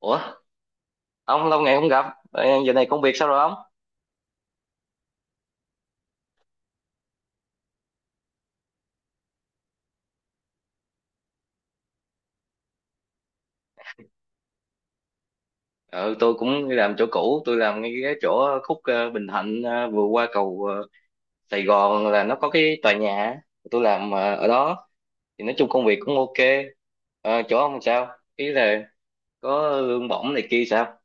Ủa, ông lâu ngày không gặp. Giờ này công việc sao rồi ông? Ừ, tôi cũng đi làm chỗ cũ, tôi làm ngay cái chỗ khúc Bình Thạnh, vừa qua cầu Sài Gòn là nó có cái tòa nhà á. Tôi làm ở đó, thì nói chung công việc cũng ok. Chỗ ông sao? Ý là có lương bổng này kia sao?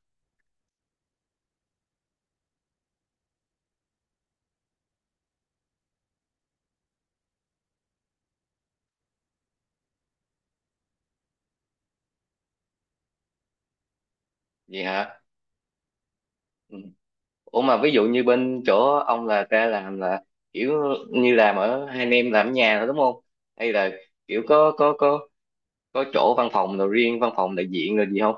Vậy hả? Ừ. Ủa mà ví dụ như bên chỗ ông là ra làm là kiểu như làm ở hai anh em làm ở nhà thôi đúng không, hay là kiểu có chỗ văn phòng rồi, riêng văn phòng đại diện rồi gì không?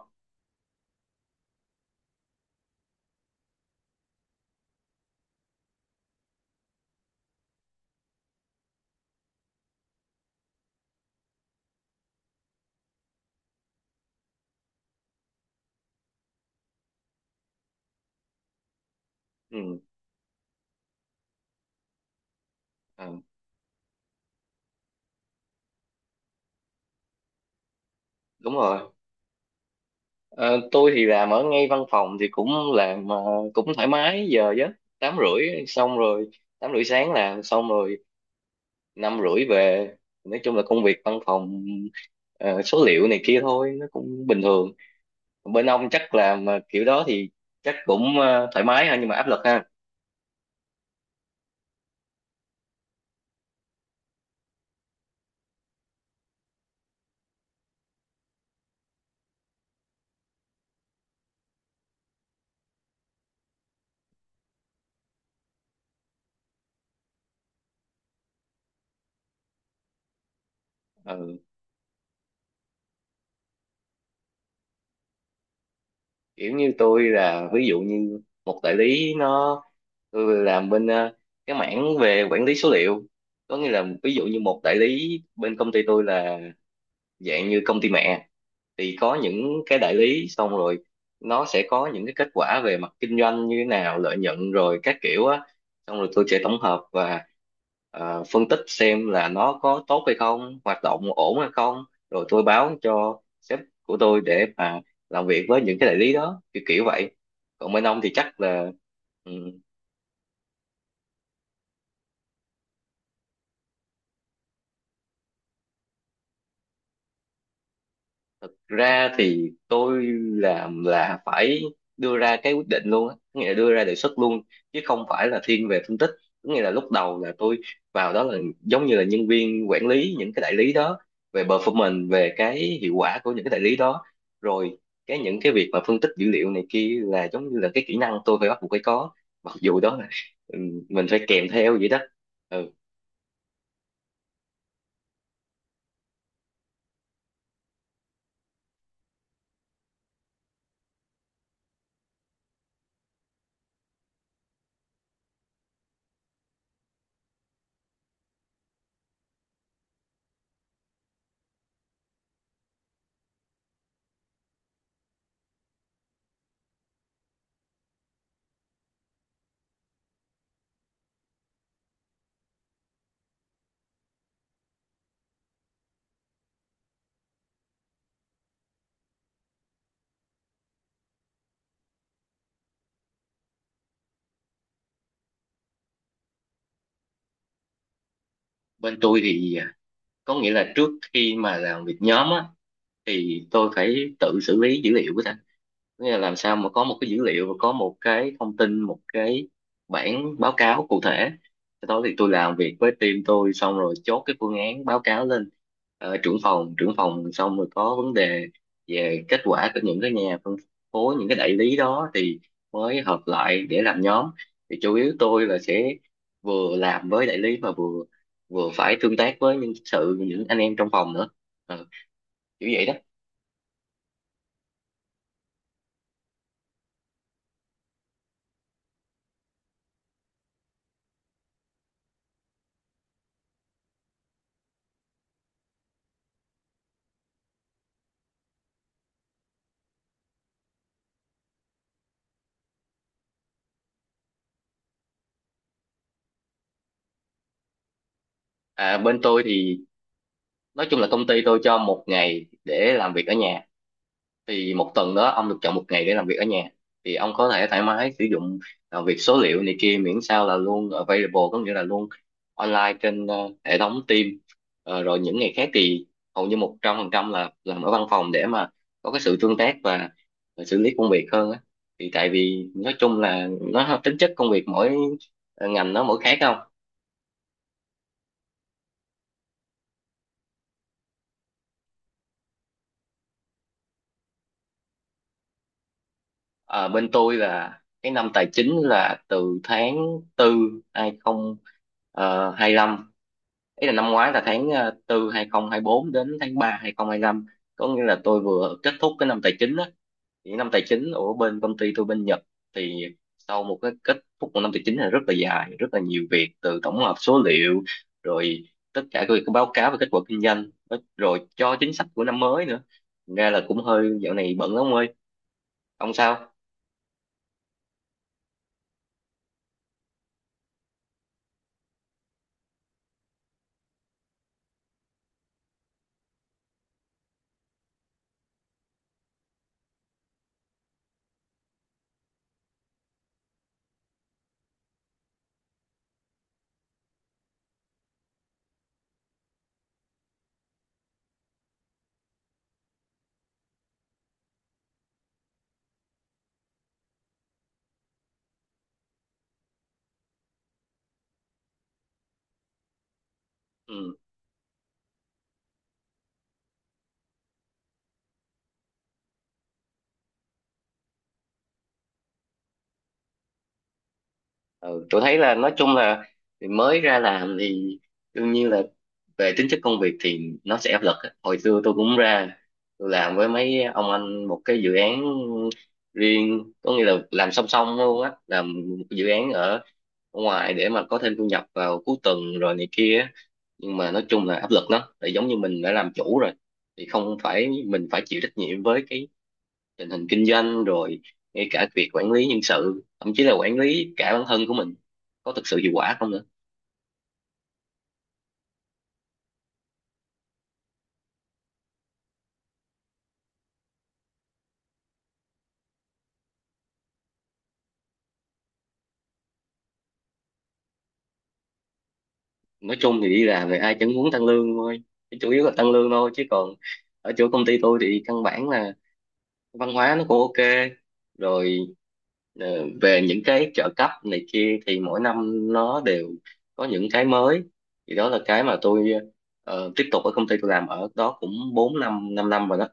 Ừ. Ờ, đúng rồi. Ờ, tôi thì làm ở ngay văn phòng thì cũng làm, cũng thoải mái giờ chứ, tám rưỡi xong rồi 8:30 sáng làm xong rồi, 5:30 về. Nói chung là công việc văn phòng, số liệu này kia thôi, nó cũng bình thường. Bên ông chắc làm kiểu đó thì chắc cũng thoải mái ha, nhưng mà áp lực ha. Ờ. Kiểu như tôi là ví dụ như một đại lý nó, tôi làm bên cái mảng về quản lý số liệu, có nghĩa là ví dụ như một đại lý bên công ty tôi là dạng như công ty mẹ, thì có những cái đại lý, xong rồi nó sẽ có những cái kết quả về mặt kinh doanh như thế nào, lợi nhuận rồi các kiểu á, xong rồi tôi sẽ tổng hợp và phân tích xem là nó có tốt hay không, hoạt động ổn hay không, rồi tôi báo cho sếp của tôi để mà làm việc với những cái đại lý đó, kiểu kiểu vậy. Còn bên ông thì chắc là. Thực ra thì tôi làm là phải đưa ra cái quyết định luôn á, có nghĩa là đưa ra đề xuất luôn chứ không phải là thiên về phân tích. Có nghĩa là lúc đầu là tôi vào đó là giống như là nhân viên quản lý những cái đại lý đó, về performance, về cái hiệu quả của những cái đại lý đó. Rồi cái những cái việc mà phân tích dữ liệu này kia là giống như là cái kỹ năng tôi phải bắt buộc phải có. Mặc dù đó là, ừ, mình phải kèm theo vậy đó. Ừ. Bên tôi thì, có nghĩa là trước khi mà làm việc nhóm á thì tôi phải tự xử lý dữ liệu của ta. Có nghĩa là làm sao mà có một cái dữ liệu và có một cái thông tin, một cái bản báo cáo cụ thể, sau đó thì tôi làm việc với team tôi xong rồi chốt cái phương án báo cáo lên trưởng phòng, xong rồi có vấn đề về kết quả của những cái nhà phân phối, những cái đại lý đó thì mới hợp lại để làm nhóm. Thì chủ yếu tôi là sẽ vừa làm với đại lý, mà vừa vừa phải tương tác với nhân sự, những anh em trong phòng nữa. Ờ, kiểu vậy đó. À, bên tôi thì nói chung là công ty tôi cho một ngày để làm việc ở nhà, thì một tuần đó ông được chọn một ngày để làm việc ở nhà, thì ông có thể thoải mái sử dụng, làm việc số liệu này kia miễn sao là luôn available, có nghĩa là luôn online trên hệ thống Teams. Rồi những ngày khác thì hầu như 100% là làm ở văn phòng để mà có cái sự tương tác và xử lý công việc hơn á, thì tại vì nói chung là nó tính chất công việc mỗi ngành nó mỗi khác không? Ờ, bên tôi là cái năm tài chính là từ tháng 4 2025, ý là năm ngoái, là tháng 4 bốn đến tháng 3 2025, có nghĩa là tôi vừa kết thúc cái năm tài chính á. Thì năm tài chính ở bên công ty tôi, bên Nhật, thì sau một cái kết thúc của năm tài chính là rất là dài, rất là nhiều việc, từ tổng hợp số liệu, rồi tất cả các việc báo cáo về kết quả kinh doanh, rồi cho chính sách của năm mới nữa. Thành ra là cũng hơi, dạo này bận lắm ông ơi. Ông sao? Ừ. Ừ, tôi thấy là nói chung là mới ra làm thì đương nhiên là về tính chất công việc thì nó sẽ áp lực á. Hồi xưa tôi cũng ra tôi làm với mấy ông anh một cái dự án riêng, có nghĩa là làm song song luôn á, làm một cái dự án ở ngoài để mà có thêm thu nhập vào cuối tuần rồi này kia á. Nhưng mà nói chung là áp lực lắm, tại giống như mình đã làm chủ rồi thì không phải, mình phải chịu trách nhiệm với cái tình hình kinh doanh rồi, ngay cả việc quản lý nhân sự, thậm chí là quản lý cả bản thân của mình có thực sự hiệu quả không nữa. Nói chung thì đi làm thì ai chẳng muốn tăng lương thôi. Chủ yếu là tăng lương thôi, chứ còn ở chỗ công ty tôi thì căn bản là văn hóa nó cũng ok rồi. Ờ, về những cái trợ cấp này kia thì mỗi năm nó đều có những cái mới. Thì đó là cái mà tôi tiếp tục ở công ty tôi, làm ở đó cũng 4 năm 5 năm rồi đó.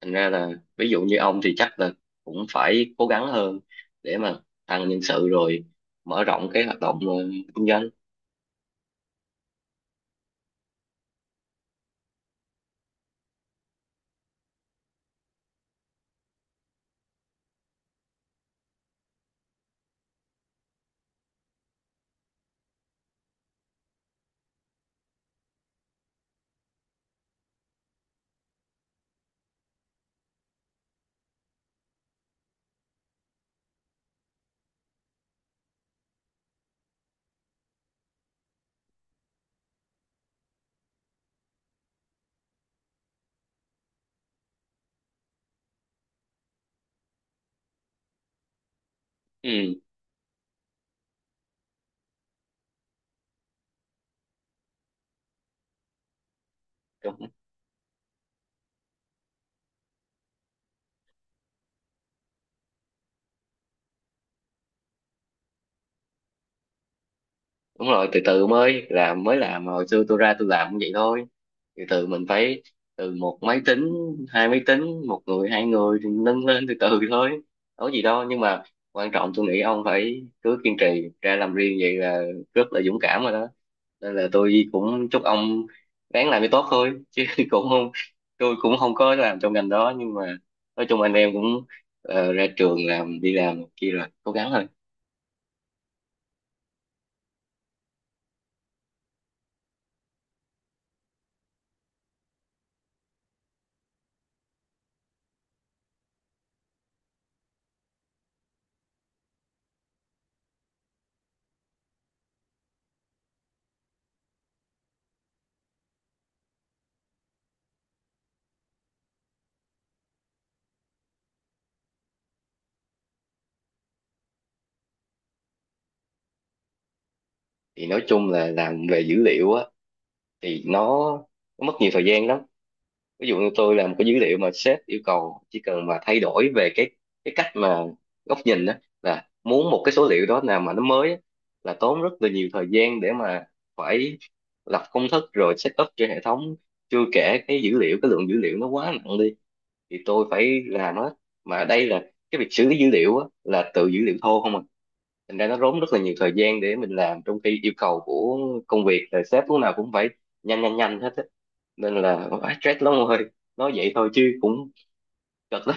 Thành ra là ví dụ như ông thì chắc là cũng phải cố gắng hơn để mà tăng nhân sự, rồi mở rộng cái hoạt động kinh doanh. Ừ. Đúng rồi, từ từ mới làm, mới làm hồi xưa tôi ra tôi làm cũng vậy thôi. Từ từ mình phải, từ một máy tính, hai máy tính, một người, hai người thì nâng lên từ từ thôi, có gì đâu. Nhưng mà quan trọng tôi nghĩ ông phải cứ kiên trì ra làm riêng vậy là rất là dũng cảm rồi đó. Nên là tôi cũng chúc ông ráng làm cho tốt thôi chứ cũng không tôi cũng không có làm trong ngành đó, nhưng mà nói chung anh em cũng ra trường làm đi làm kia rồi cố gắng thôi. Thì nói chung là làm về dữ liệu á, thì nó mất nhiều thời gian lắm. Ví dụ như tôi làm cái dữ liệu mà sếp yêu cầu chỉ cần mà thay đổi về cái cách mà góc nhìn đó, là muốn một cái số liệu đó nào mà nó mới á, là tốn rất là nhiều thời gian để mà phải lập công thức rồi set up cho hệ thống, chưa kể cái dữ liệu, cái lượng dữ liệu nó quá nặng đi thì tôi phải làm nó. Mà đây là cái việc xử lý dữ liệu á, là từ dữ liệu thô không à, thành ra nó tốn rất là nhiều thời gian để mình làm, trong khi yêu cầu của công việc là sếp lúc nào cũng phải nhanh nhanh nhanh hết á, nên là quá stress lắm rồi. Nói vậy thôi chứ cũng cực lắm.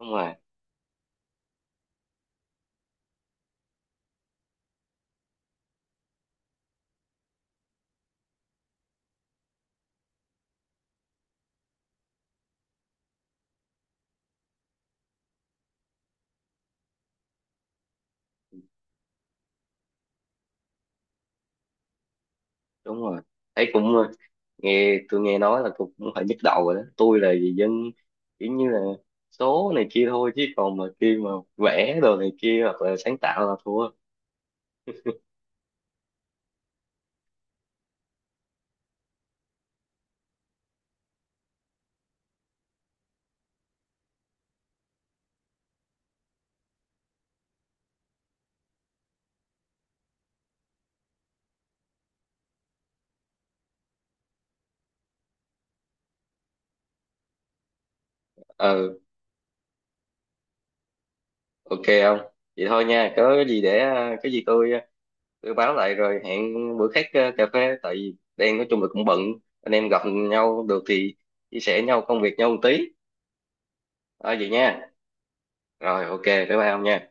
Đúng rồi, đúng rồi, thấy cũng tôi nghe nói là cũng cũng phải nhức đầu rồi đó. Tôi là gì, dân kiểu như là số này kia thôi, chứ còn mà khi mà vẽ đồ này kia hoặc là sáng tạo là thua. Ờ ok không? Vậy thôi nha, có cái gì để cái gì tôi, tôi báo lại rồi hẹn bữa khác cà phê, tại vì đang, nói chung là cũng bận, anh em gặp nhau được thì chia sẻ nhau công việc nhau một tí. Ờ vậy nha. Rồi ok bye bye ông nha.